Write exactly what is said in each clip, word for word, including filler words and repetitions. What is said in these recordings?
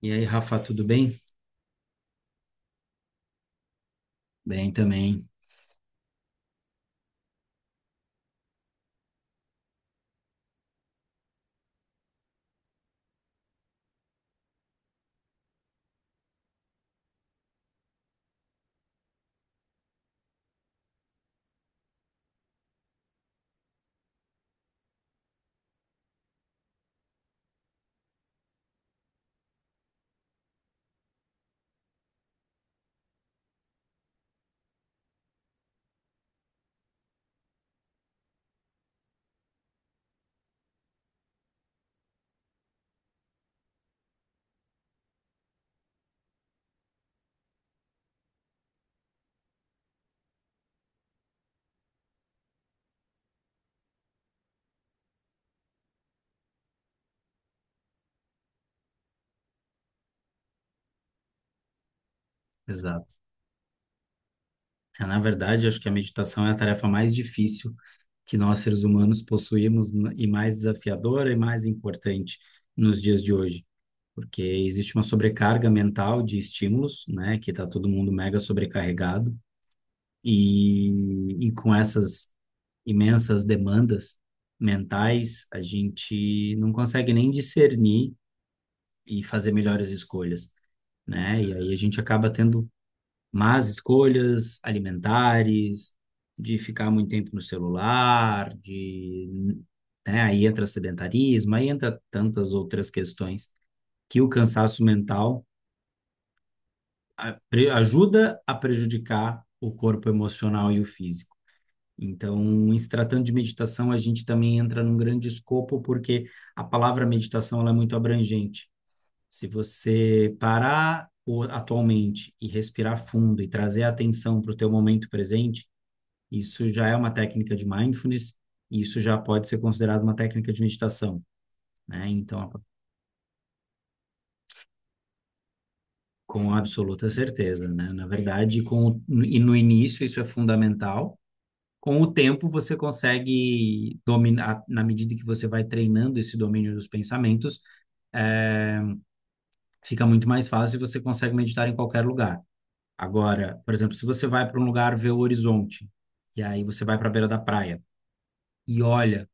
E aí, Rafa, tudo bem? Bem também. Exato. É, Na verdade, acho que a meditação é a tarefa mais difícil que nós seres humanos possuímos n- e mais desafiadora e mais importante nos dias de hoje, porque existe uma sobrecarga mental de estímulos, né, que está todo mundo mega sobrecarregado e, e com essas imensas demandas mentais, a gente não consegue nem discernir e fazer melhores escolhas, né? E aí a gente acaba tendo, mas escolhas alimentares, de ficar muito tempo no celular, de, né, aí entra sedentarismo, aí entra tantas outras questões que o cansaço mental a- pre- ajuda a prejudicar o corpo emocional e o físico. Então, em se tratando de meditação, a gente também entra num grande escopo, porque a palavra meditação ela é muito abrangente. Se você parar o- atualmente e respirar fundo e trazer a atenção para o teu momento presente, isso já é uma técnica de mindfulness, e isso já pode ser considerado uma técnica de meditação, né? Então, com absoluta certeza, né? Na verdade, com, e no início isso é fundamental. Com o tempo você consegue dominar, na medida que você vai treinando esse domínio dos pensamentos, é, fica muito mais fácil e você consegue meditar em qualquer lugar. Agora, por exemplo, se você vai para um lugar ver o horizonte, e aí você vai para a beira da praia e olha,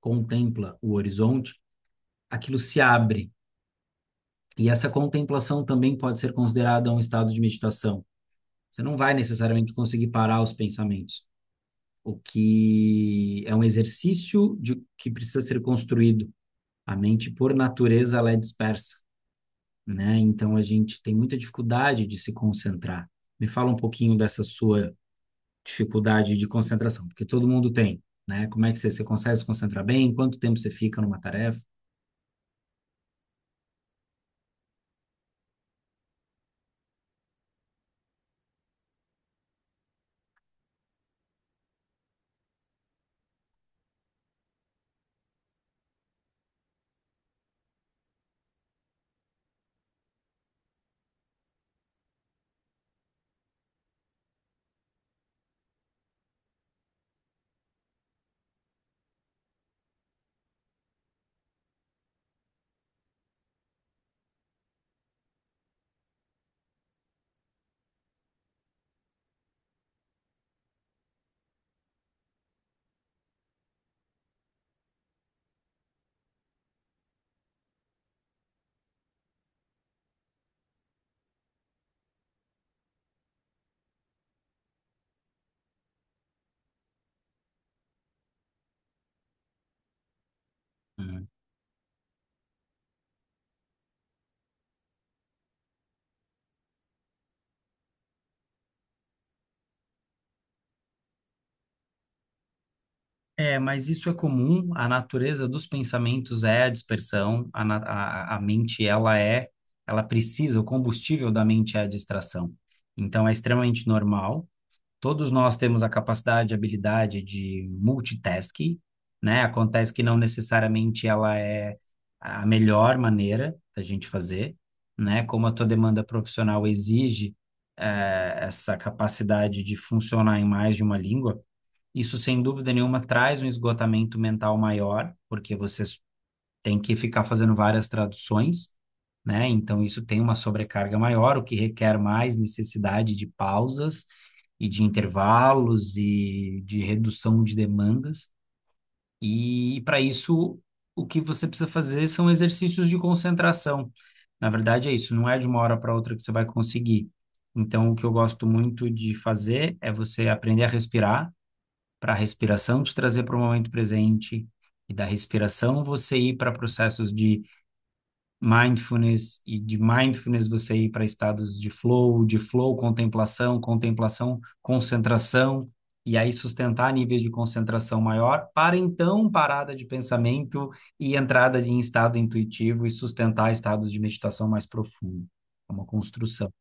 contempla o horizonte, aquilo se abre. E essa contemplação também pode ser considerada um estado de meditação. Você não vai necessariamente conseguir parar os pensamentos, o que é um exercício de, que precisa ser construído. A mente, por natureza, ela é dispersa, né? Então a gente tem muita dificuldade de se concentrar. Me fala um pouquinho dessa sua dificuldade de concentração, porque todo mundo tem, né? Como é que você, você consegue se concentrar bem? Quanto tempo você fica numa tarefa? Hum. É, mas isso é comum. A natureza dos pensamentos é a dispersão. A, na- a, a mente, ela é, ela precisa, o combustível da mente é a distração. Então, é extremamente normal. Todos nós temos a capacidade, a habilidade de multitasking, né? Acontece que não necessariamente ela é a melhor maneira da gente fazer, né? Como a tua demanda profissional exige, eh, essa capacidade de funcionar em mais de uma língua, isso, sem dúvida nenhuma, traz um esgotamento mental maior, porque vocês têm que ficar fazendo várias traduções, né? Então, isso tem uma sobrecarga maior, o que requer mais necessidade de pausas e de intervalos e de redução de demandas. E, para isso, o que você precisa fazer são exercícios de concentração. Na verdade, é isso, não é de uma hora para outra que você vai conseguir. Então, o que eu gosto muito de fazer é você aprender a respirar para a respiração te trazer para o momento presente, e da respiração você ir para processos de mindfulness, e de mindfulness você ir para estados de flow, de flow, contemplação, contemplação, concentração, e aí sustentar níveis de concentração maior, para então parada de pensamento e entrada em estado intuitivo e sustentar estados de meditação mais profundo. É uma construção.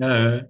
É.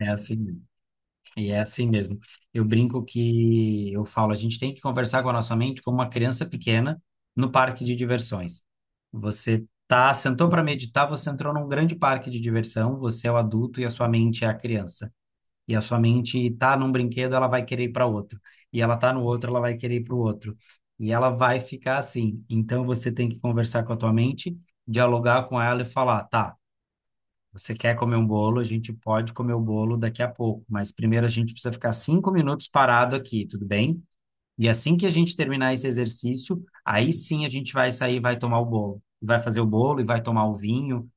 É assim mesmo. E é assim mesmo. Eu brinco que eu falo, a gente tem que conversar com a nossa mente como uma criança pequena no parque de diversões. Você tá, sentou para meditar, você entrou num grande parque de diversão, você é o adulto e a sua mente é a criança. E a sua mente tá num brinquedo, ela vai querer ir para outro. E ela tá no outro, ela vai querer ir para o outro. E ela vai ficar assim. Então você tem que conversar com a tua mente, dialogar com ela e falar, tá, você quer comer um bolo? A gente pode comer o bolo daqui a pouco, mas primeiro a gente precisa ficar cinco minutos parado aqui, tudo bem? E assim que a gente terminar esse exercício, aí sim a gente vai sair e vai tomar o bolo. Vai fazer o bolo e vai tomar o vinho,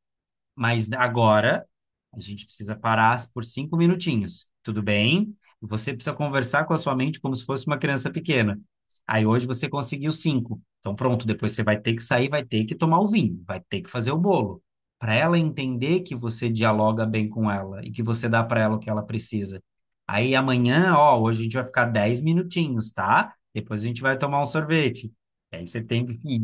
mas agora a gente precisa parar por cinco minutinhos. Tudo bem? Você precisa conversar com a sua mente como se fosse uma criança pequena. Aí hoje você conseguiu cinco. Então pronto, depois você vai ter que sair, vai ter que tomar o vinho, vai ter que fazer o bolo. Para ela entender que você dialoga bem com ela e que você dá para ela o que ela precisa. Aí amanhã, ó, hoje a gente vai ficar dez minutinhos, tá? Depois a gente vai tomar um sorvete. Aí você tem que ir.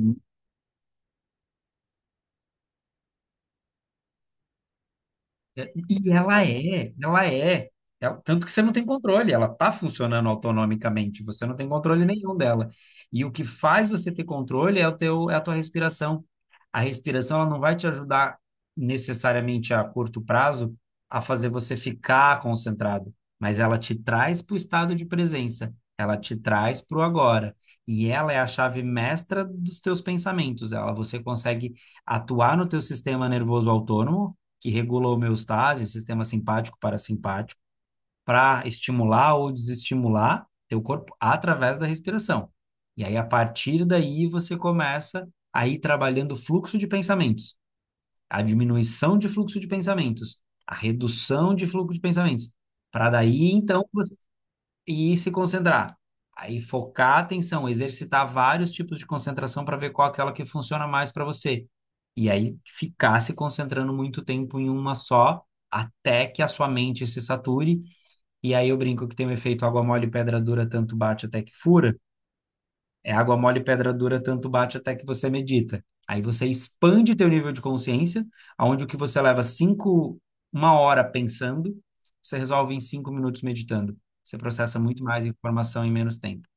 É, E ela é, ela é. Ela- tanto que você não tem controle, ela está funcionando autonomicamente, você não tem controle nenhum dela. E o que faz você ter controle é o teu, é a tua respiração. A respiração, ela não vai te ajudar necessariamente a curto prazo a fazer você ficar concentrado, mas ela te traz para o estado de presença, ela te traz para o agora. E ela é a chave mestra dos teus pensamentos. Ela, você consegue atuar no teu sistema nervoso autônomo que regula a homeostase, sistema simpático parasimpático, para estimular ou desestimular teu corpo através da respiração. E aí, a partir daí, você começa a ir trabalhando o fluxo de pensamentos, a diminuição de fluxo de pensamentos, a redução de fluxo de pensamentos, para daí, então, e se concentrar. Aí focar a atenção, exercitar vários tipos de concentração para ver qual é aquela que funciona mais para você. E aí ficar se concentrando muito tempo em uma só, até que a sua mente se sature. E aí eu brinco que tem o efeito água mole, pedra dura, tanto bate até que fura. É água mole, pedra dura, tanto bate até que você medita. Aí você expande teu nível de consciência, aonde o que você leva cinco, uma hora pensando, você resolve em cinco minutos meditando. Você processa muito mais informação em menos tempo.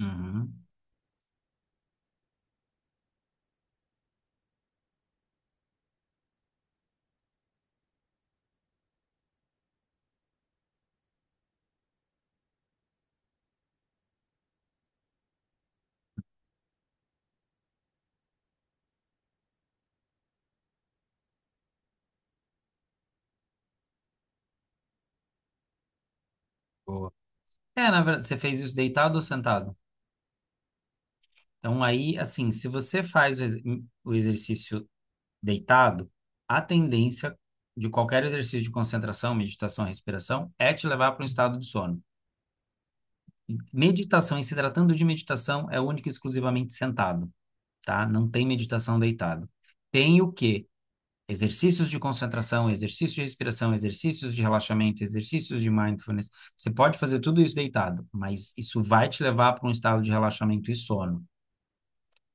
Uhum. Boa. É, na verdade, você fez isso deitado ou sentado? Então, aí, assim, se você faz o ex- o exercício deitado, a tendência de qualquer exercício de concentração, meditação, respiração, é te levar para um estado de sono. Meditação, e se tratando de meditação, é única e exclusivamente sentado, tá? Não tem meditação deitado. Tem o quê? Exercícios de concentração, exercícios de respiração, exercícios de relaxamento, exercícios de mindfulness. Você pode fazer tudo isso deitado, mas isso vai te levar para um estado de relaxamento e sono.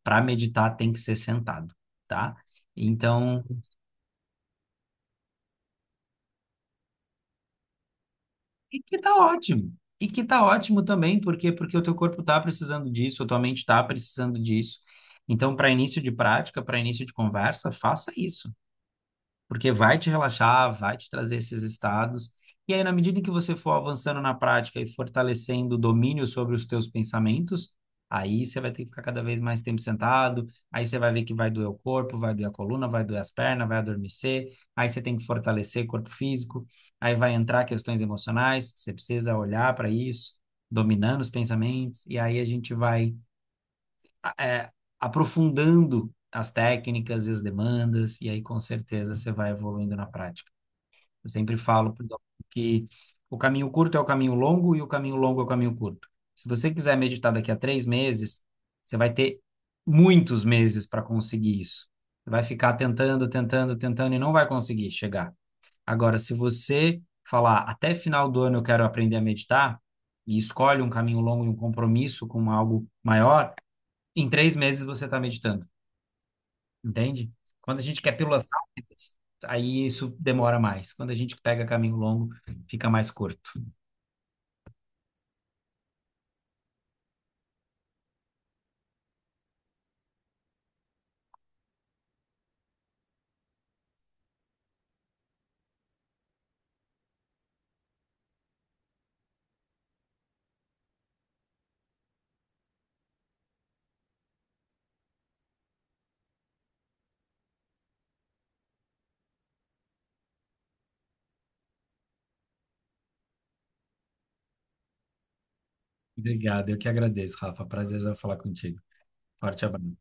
Para meditar, tem que ser sentado, tá? Então, e que tá ótimo. E que tá ótimo também, porque porque o teu corpo tá precisando disso, a tua mente tá precisando disso. Então, para início de prática, para início de conversa, faça isso porque vai te relaxar, vai te trazer esses estados. E aí, na medida em que você for avançando na prática e fortalecendo o domínio sobre os teus pensamentos, aí você vai ter que ficar cada vez mais tempo sentado, aí você vai ver que vai doer o corpo, vai doer a coluna, vai doer as pernas, vai adormecer, aí você tem que fortalecer corpo físico, aí vai entrar questões emocionais, você precisa olhar para isso, dominando os pensamentos, e aí a gente vai é, aprofundando as técnicas e as demandas, e aí com certeza você vai evoluindo na prática. Eu sempre falo pro doc- que o caminho curto é o caminho longo e o caminho longo é o caminho curto. Se você quiser meditar daqui a três meses, você vai ter muitos meses para conseguir isso. Você vai ficar tentando, tentando, tentando e não vai conseguir chegar. Agora, se você falar até final do ano eu quero aprender a meditar, e escolhe um caminho longo e um compromisso com algo maior, em três meses você está meditando, entende? Quando a gente quer pílulas rápidas, aí isso demora mais. Quando a gente pega caminho longo, fica mais curto. Obrigado, eu que agradeço, Rafa. Prazer já falar contigo. Forte abraço.